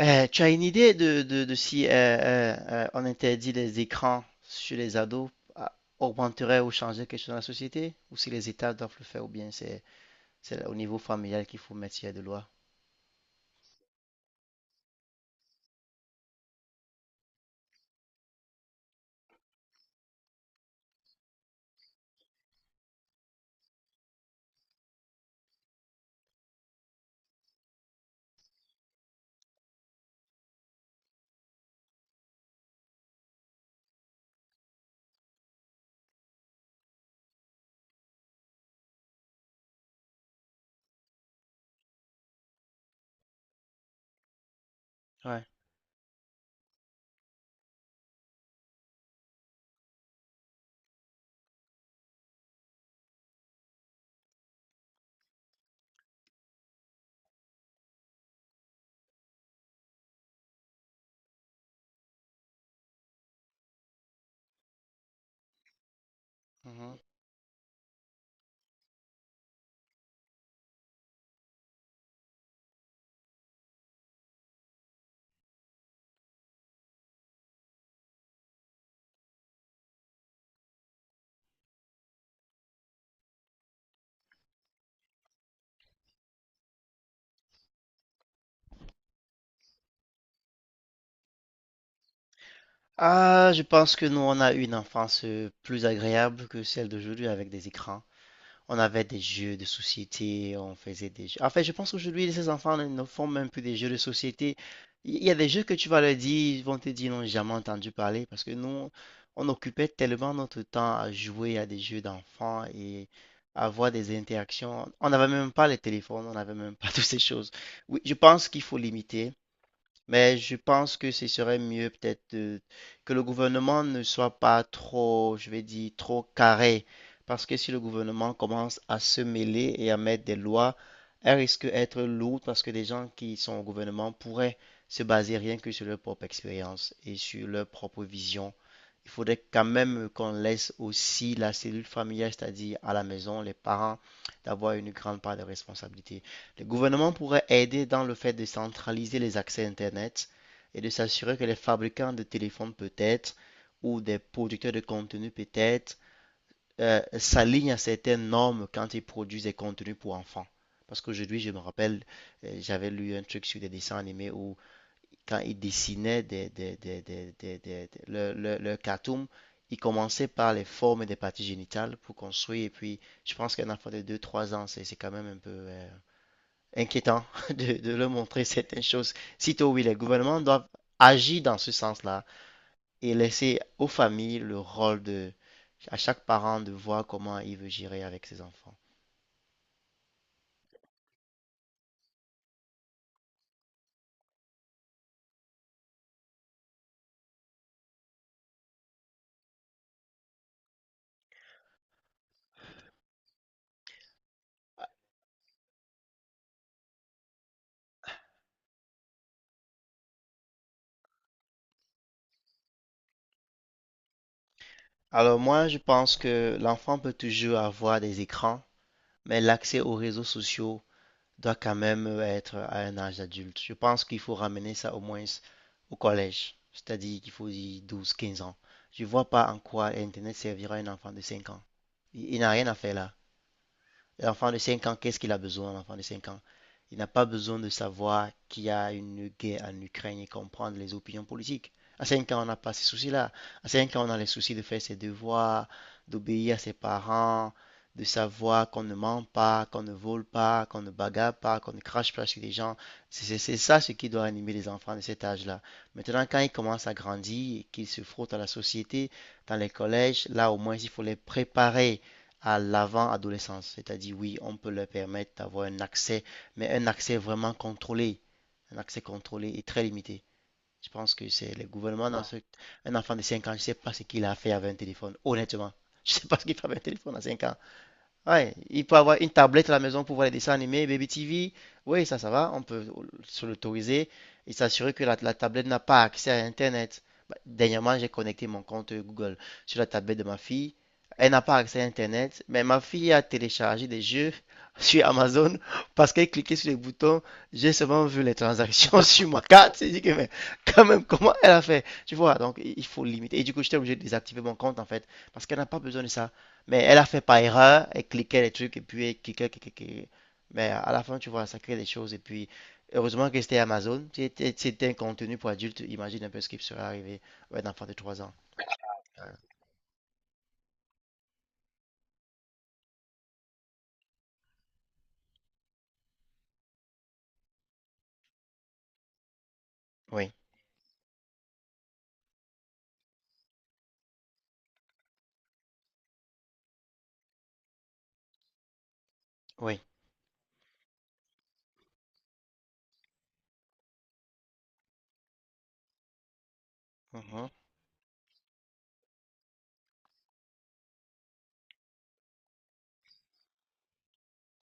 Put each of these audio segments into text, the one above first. Tu as une idée de, de si on interdit les écrans chez les ados, ah, augmenterait ou changerait quelque chose dans la société? Ou si les États doivent le faire, ou bien c'est au niveau familial qu'il faut mettre s'il y a de loi? Ouais. Mhm. Ah, je pense que nous, on a eu une enfance plus agréable que celle d'aujourd'hui avec des écrans. On avait des jeux de société, on faisait des jeux. En fait, je pense qu'aujourd'hui, ces enfants ne font même plus des jeux de société. Il y a des jeux que tu vas leur dire, ils vont te dire, ils n'ont jamais entendu parler parce que nous, on occupait tellement notre temps à jouer à des jeux d'enfants et à avoir des interactions. On n'avait même pas les téléphones, on n'avait même pas toutes ces choses. Oui, je pense qu'il faut limiter. Mais je pense que ce serait mieux peut-être. Que le gouvernement ne soit pas trop, je vais dire, trop carré. Parce que si le gouvernement commence à se mêler et à mettre des lois, elles risquent d'être lourdes parce que des gens qui sont au gouvernement pourraient se baser rien que sur leur propre expérience et sur leur propre vision. Il faudrait quand même qu'on laisse aussi la cellule familiale, c'est-à-dire à la maison, les parents, d'avoir une grande part de responsabilité. Le gouvernement pourrait aider dans le fait de centraliser les accès Internet et de s'assurer que les fabricants de téléphones peut-être ou des producteurs de contenu peut-être s'alignent à certaines normes quand ils produisent des contenus pour enfants. Parce qu'aujourd'hui, je me rappelle, j'avais lu un truc sur des dessins animés où quand ils dessinaient le cartoon, ils commençaient par les formes des parties génitales pour construire. Et puis, je pense qu'un enfant de deux-trois ans, c'est quand même un peu... inquiétant de leur montrer certaines choses. Sitôt, oui, les gouvernements doivent agir dans ce sens-là et laisser aux familles le rôle de, à chaque parent de voir comment il veut gérer avec ses enfants. Alors moi, je pense que l'enfant peut toujours avoir des écrans, mais l'accès aux réseaux sociaux doit quand même être à un âge adulte. Je pense qu'il faut ramener ça au moins au collège, c'est-à-dire qu'il faut y 12-15 ans. Je ne vois pas en quoi Internet servira à un enfant de 5 ans. Il n'a rien à faire là. L'enfant de 5 ans, qu'est-ce qu'il a besoin, l'enfant de 5 ans? Il n'a pas besoin de savoir qu'il y a une guerre en Ukraine et comprendre les opinions politiques. À 5 ans, on n'a pas ces soucis-là. À 5 ans, on a les soucis de faire ses devoirs, d'obéir à ses parents, de savoir qu'on ne ment pas, qu'on ne vole pas, qu'on ne bagarre pas, qu'on ne crache pas sur les gens. C'est ça ce qui doit animer les enfants de cet âge-là. Maintenant, quand ils commencent à grandir, et qu'ils se frottent à la société, dans les collèges, là au moins, il faut les préparer à l'avant-adolescence. C'est-à-dire, oui, on peut leur permettre d'avoir un accès, mais un accès vraiment contrôlé, un accès contrôlé et très limité. Je pense que c'est le gouvernement dans ce... Un enfant de 5 ans, je ne sais pas ce qu'il a fait avec un téléphone, honnêtement. Je ne sais pas ce qu'il fait avec un téléphone à 5 ans. Ouais, il peut avoir une tablette à la maison pour voir les dessins animés, Baby TV. Oui, ça va. On peut se l'autoriser et s'assurer que la tablette n'a pas accès à Internet. Bah, dernièrement, j'ai connecté mon compte Google sur la tablette de ma fille. Elle n'a pas accès à Internet, mais ma fille a téléchargé des jeux sur Amazon parce qu'elle cliquait sur les boutons. J'ai seulement vu les transactions sur ma carte. J'ai dit que, mais quand même, comment elle a fait? Tu vois, donc il faut limiter. Et du coup, j'étais obligé de désactiver mon compte en fait parce qu'elle n'a pas besoin de ça. Mais elle a fait par erreur, elle cliquait les trucs et puis elle cliquait, cliquait, cliquait. Mais à la fin, tu vois, ça crée des choses. Et puis, heureusement que c'était Amazon. Si C'était si c'était un contenu pour adultes. Imagine un peu ce qui serait arrivé à un enfant de trois ans. Oui, oui. Mhm,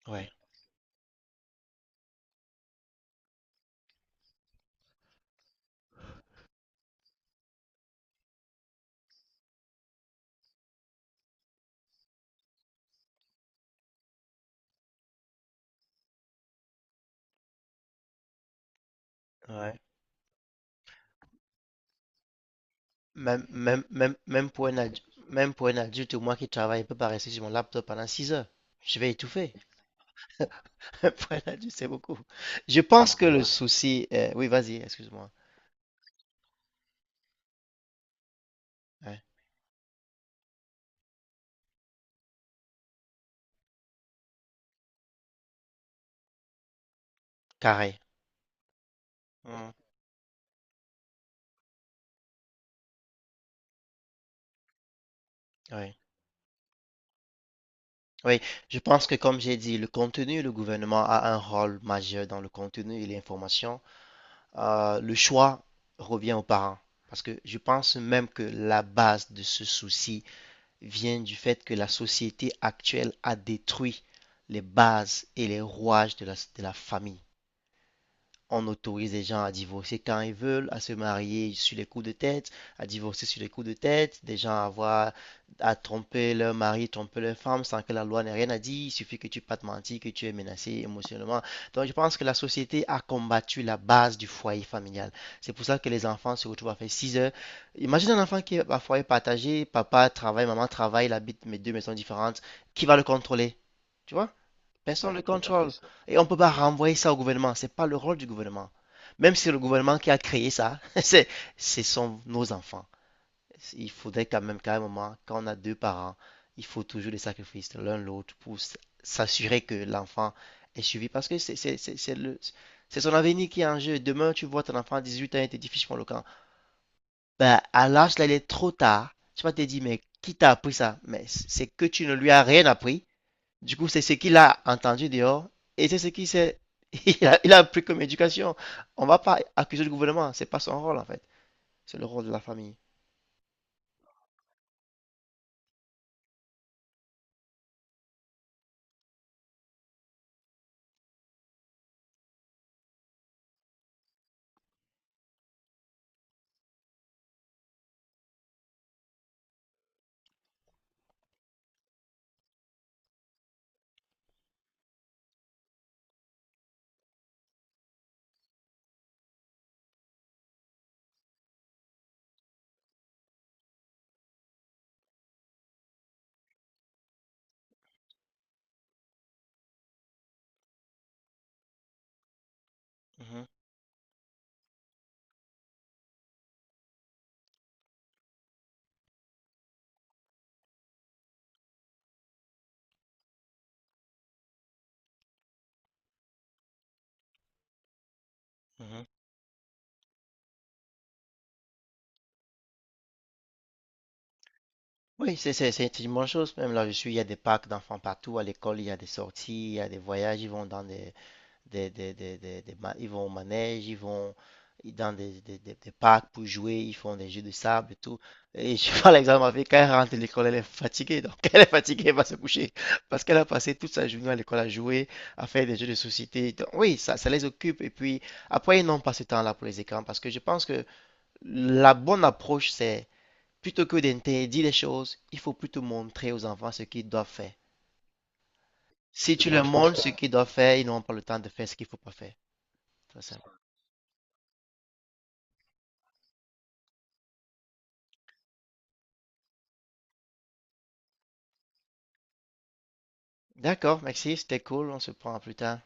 ouais, ouais. Même pour un adulte, même pour un adulte, moi qui travaille, je peux pas rester sur mon laptop pendant 6 heures. Je vais étouffer. Pour un adulte, c'est beaucoup. Je pense que le souci. Oui, vas-y, excuse-moi. Ouais, carré. Mhm, ouais. Oui, je pense que comme j'ai dit, le contenu, le gouvernement a un rôle majeur dans le contenu et l'information. Le choix revient aux parents. Parce que je pense même que la base de ce souci vient du fait que la société actuelle a détruit les bases et les rouages de la famille. On autorise les gens à divorcer quand ils veulent, à se marier sur les coups de tête, à divorcer sur les coups de tête, des gens à avoir, à tromper leur mari, tromper leur femme sans que la loi n'ait rien à dire. Il suffit que tu pas te mentir, que tu es menacé émotionnellement. Donc, je pense que la société a combattu la base du foyer familial. C'est pour ça que les enfants se retrouvent à faire 6 heures. Imagine un enfant qui est à foyer partagé, papa travaille, maman travaille, il habite mes deux maisons différentes. Qui va le contrôler? Tu vois? Personne. Ouais, ne le contrôle. Et on ne peut pas renvoyer ça au gouvernement. C'est pas le rôle du gouvernement. Même si le gouvernement qui a créé ça, c'est, ce sont nos enfants. Il faudrait quand même, carrément, quand on a deux parents, il faut toujours des sacrifices l'un l'autre pour s'assurer que l'enfant est suivi. Parce que c'est son avenir qui est en jeu. Demain, tu vois ton enfant à 18 ans et te dit, fiche-moi le camp. Ben, à l'âge là, il est trop tard. Tu vas te dire, mais qui t'a appris ça? Mais c'est que tu ne lui as rien appris du coup, c'est ce qu'il a entendu dehors et c'est ce qu'il s'est- il a pris comme éducation. On ne va pas accuser le gouvernement, c'est pas son rôle en fait, c'est le rôle de la famille. Mhm, mhm. Oui, c'est une bonne chose. Même là, je suis, il y a des parcs d'enfants partout à l'école, il y a des sorties, il y a des voyages, ils vont dans des ils vont au manège, ils vont dans des parcs pour jouer, ils font des jeux de sable et tout. Et je prends l'exemple avec quand elle rentre de l'école, elle est fatiguée. Donc, elle est fatiguée, elle va se coucher. Parce qu'elle a passé toute sa journée à l'école à jouer, à faire des jeux de société. Donc, oui, ça les occupe. Et puis, après, ils n'ont pas ce temps-là pour les écrans. Parce que je pense que la bonne approche, c'est plutôt que d'interdire les choses, il faut plutôt montrer aux enfants ce qu'ils doivent faire. Si tu leur montres ce qu'ils doivent faire, ils n'auront pas le temps de faire ce qu'il ne faut pas faire. Très simple. D'accord, Maxi, c'était cool. On se prend plus tard.